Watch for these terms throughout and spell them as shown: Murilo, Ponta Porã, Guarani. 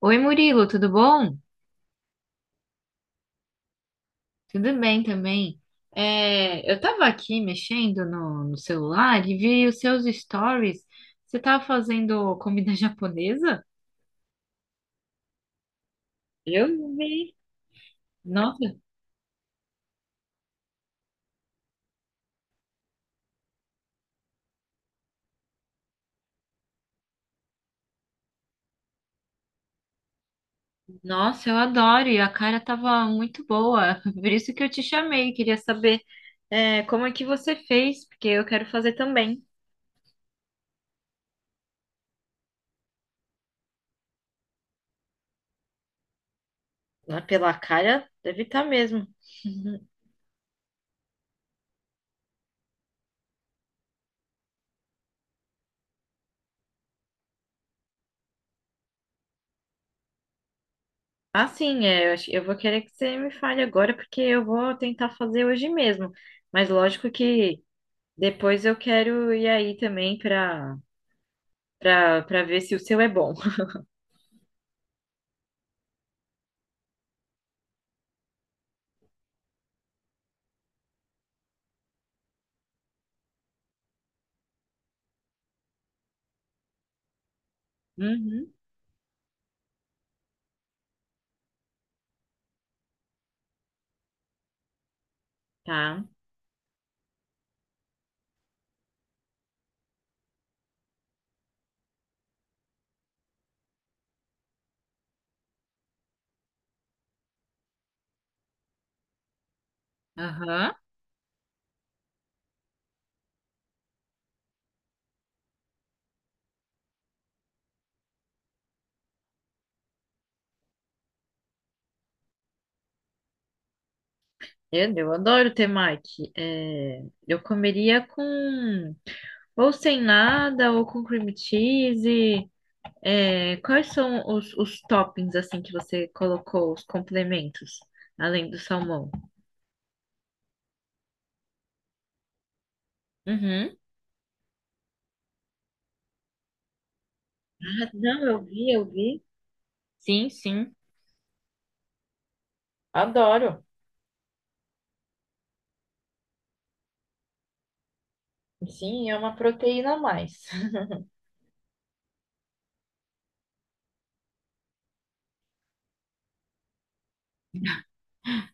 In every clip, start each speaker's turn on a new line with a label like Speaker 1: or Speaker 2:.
Speaker 1: Oi, Murilo, tudo bom? Tudo bem também. Eu estava aqui mexendo no celular e vi os seus stories. Você estava fazendo comida japonesa? Eu vi. Nossa, nossa, eu adoro e a cara tava muito boa. Por isso que eu te chamei. Queria saber, como é que você fez, porque eu quero fazer também. Ah, pela cara, deve estar mesmo. Ah, sim, eu vou querer que você me fale agora, porque eu vou tentar fazer hoje mesmo. Mas lógico que depois eu quero ir aí também para ver se o seu é bom. Uhum, tá. Aham. Eu adoro temaki. É, eu comeria com ou sem nada ou com cream cheese. É, quais são os toppings assim que você colocou, os complementos, além do salmão? Uhum. Ah, não, eu vi, eu vi. Sim, sim, adoro. Sim, é uma proteína a mais.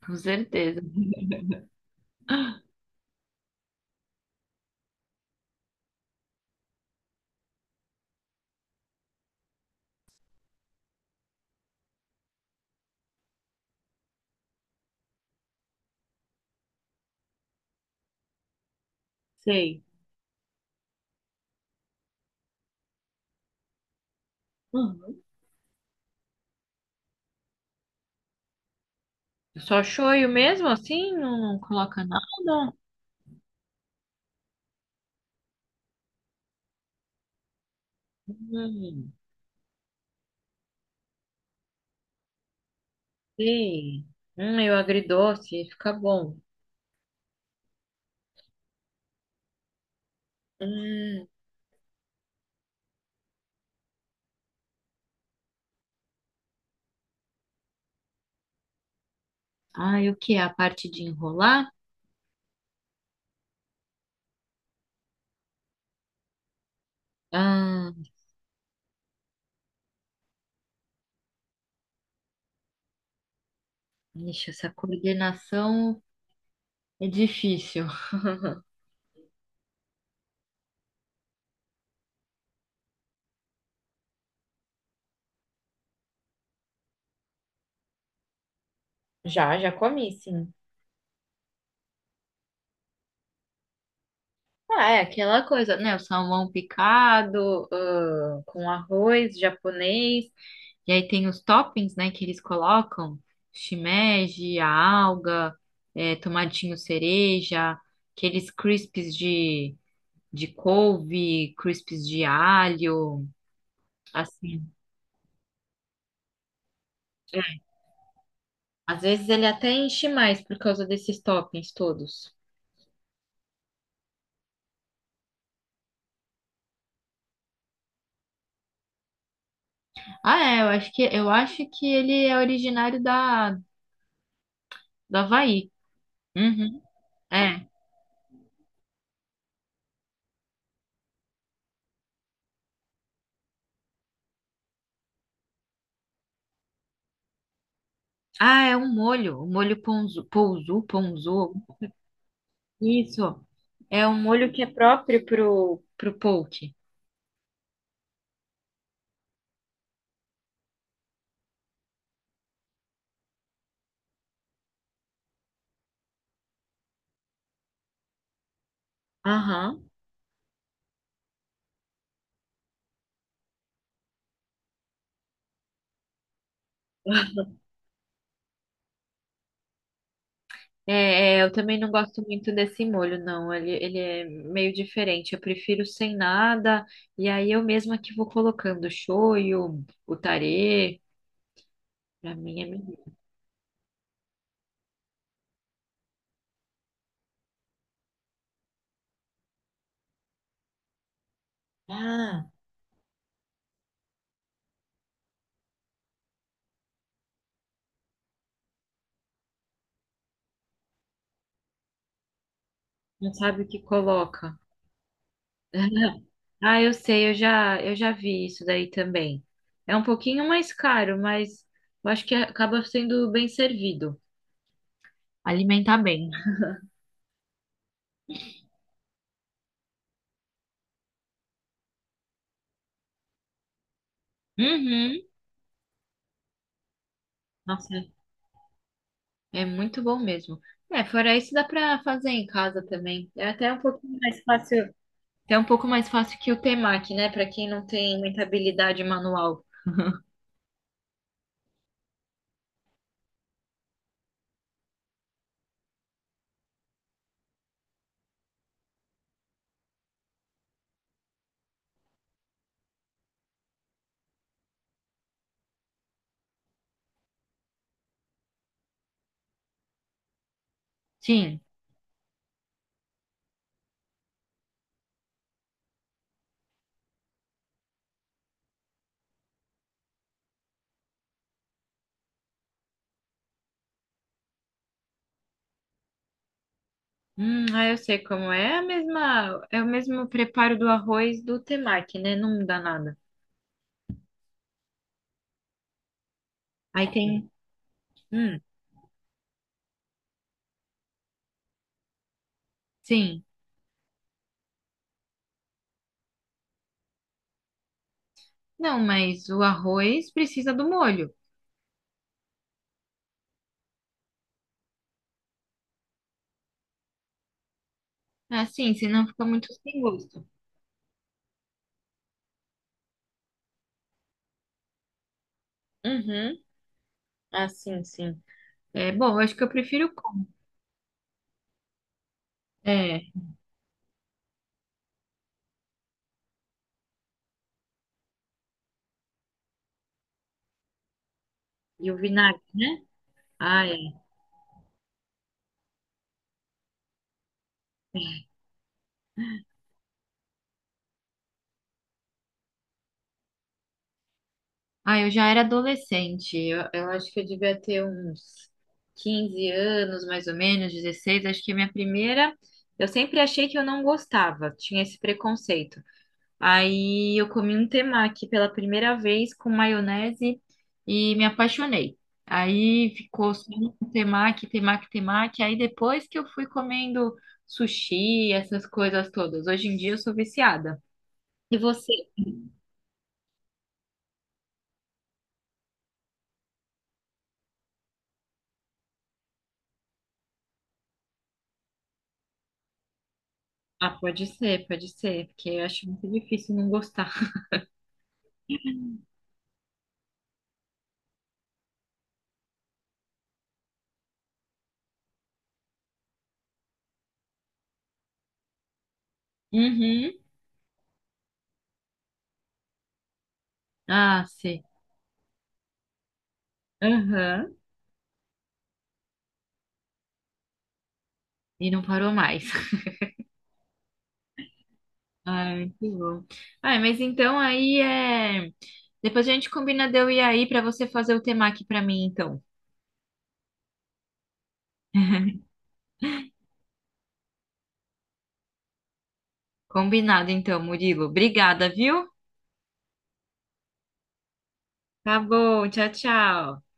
Speaker 1: Com certeza. Sei. Uhum. Só shoyu mesmo assim? Não, não coloca nada? Hum, sei. Eu agridoce, fica bom. Hum. Ah, e o que? A parte de enrolar? Ah, ixi, essa coordenação é difícil. Já, já comi, sim. Ah, é aquela coisa, né? O salmão picado, ah, com arroz japonês. E aí tem os toppings, né, que eles colocam, shimeji, a alga, tomatinho cereja, aqueles crisps de couve, crisps de alho, assim. É, às vezes ele até enche mais por causa desses toppings todos. Ah, é, eu acho que ele é originário da do Havaí. Uhum, é. Ah, é um molho, um molho ponzu. Isso. É um molho que é próprio pro poke. Aham. Eu também não gosto muito desse molho, não. Ele é meio diferente. Eu prefiro sem nada. E aí eu mesma que vou colocando o shoyu, o tarê. Pra mim é melhor. Ah, não sabe o que coloca. Ah, eu sei, eu já vi isso daí também. É um pouquinho mais caro, mas eu acho que acaba sendo bem servido. Alimentar bem. Uhum. Nossa, é muito bom mesmo. É, fora isso, dá pra fazer em casa também. É até um pouquinho mais fácil. É um pouco mais fácil que o temaki, né? Pra quem não tem muita habilidade manual. Sim. Ah, eu sei como é. É o mesmo preparo do arroz do temaki, né? Não dá nada. Aí tem. Hum, sim. Não, mas o arroz precisa do molho. Assim, senão fica muito sem gosto. Uhum. Ah, sim, sim. É bom, eu acho que eu prefiro com. É. E o vinagre, né? Ah, é. Ah, eu já era adolescente. Eu acho que eu devia ter uns 15 anos, mais ou menos, 16. Acho que a minha primeira. Eu sempre achei que eu não gostava, tinha esse preconceito. Aí eu comi um temaki pela primeira vez com maionese e me apaixonei. Aí ficou só um temaki. Aí depois que eu fui comendo sushi, essas coisas todas. Hoje em dia eu sou viciada. E você? Ah, pode ser, porque eu acho muito difícil não gostar. Uhum. Ah, sei. Aham. E não parou mais. Ai, muito bom. Ai, mas então aí é. Depois a gente combina de eu ir aí pra você fazer o tema aqui pra mim, então. Combinado, então, Murilo. Obrigada, viu? Tá bom. Tchau, tchau.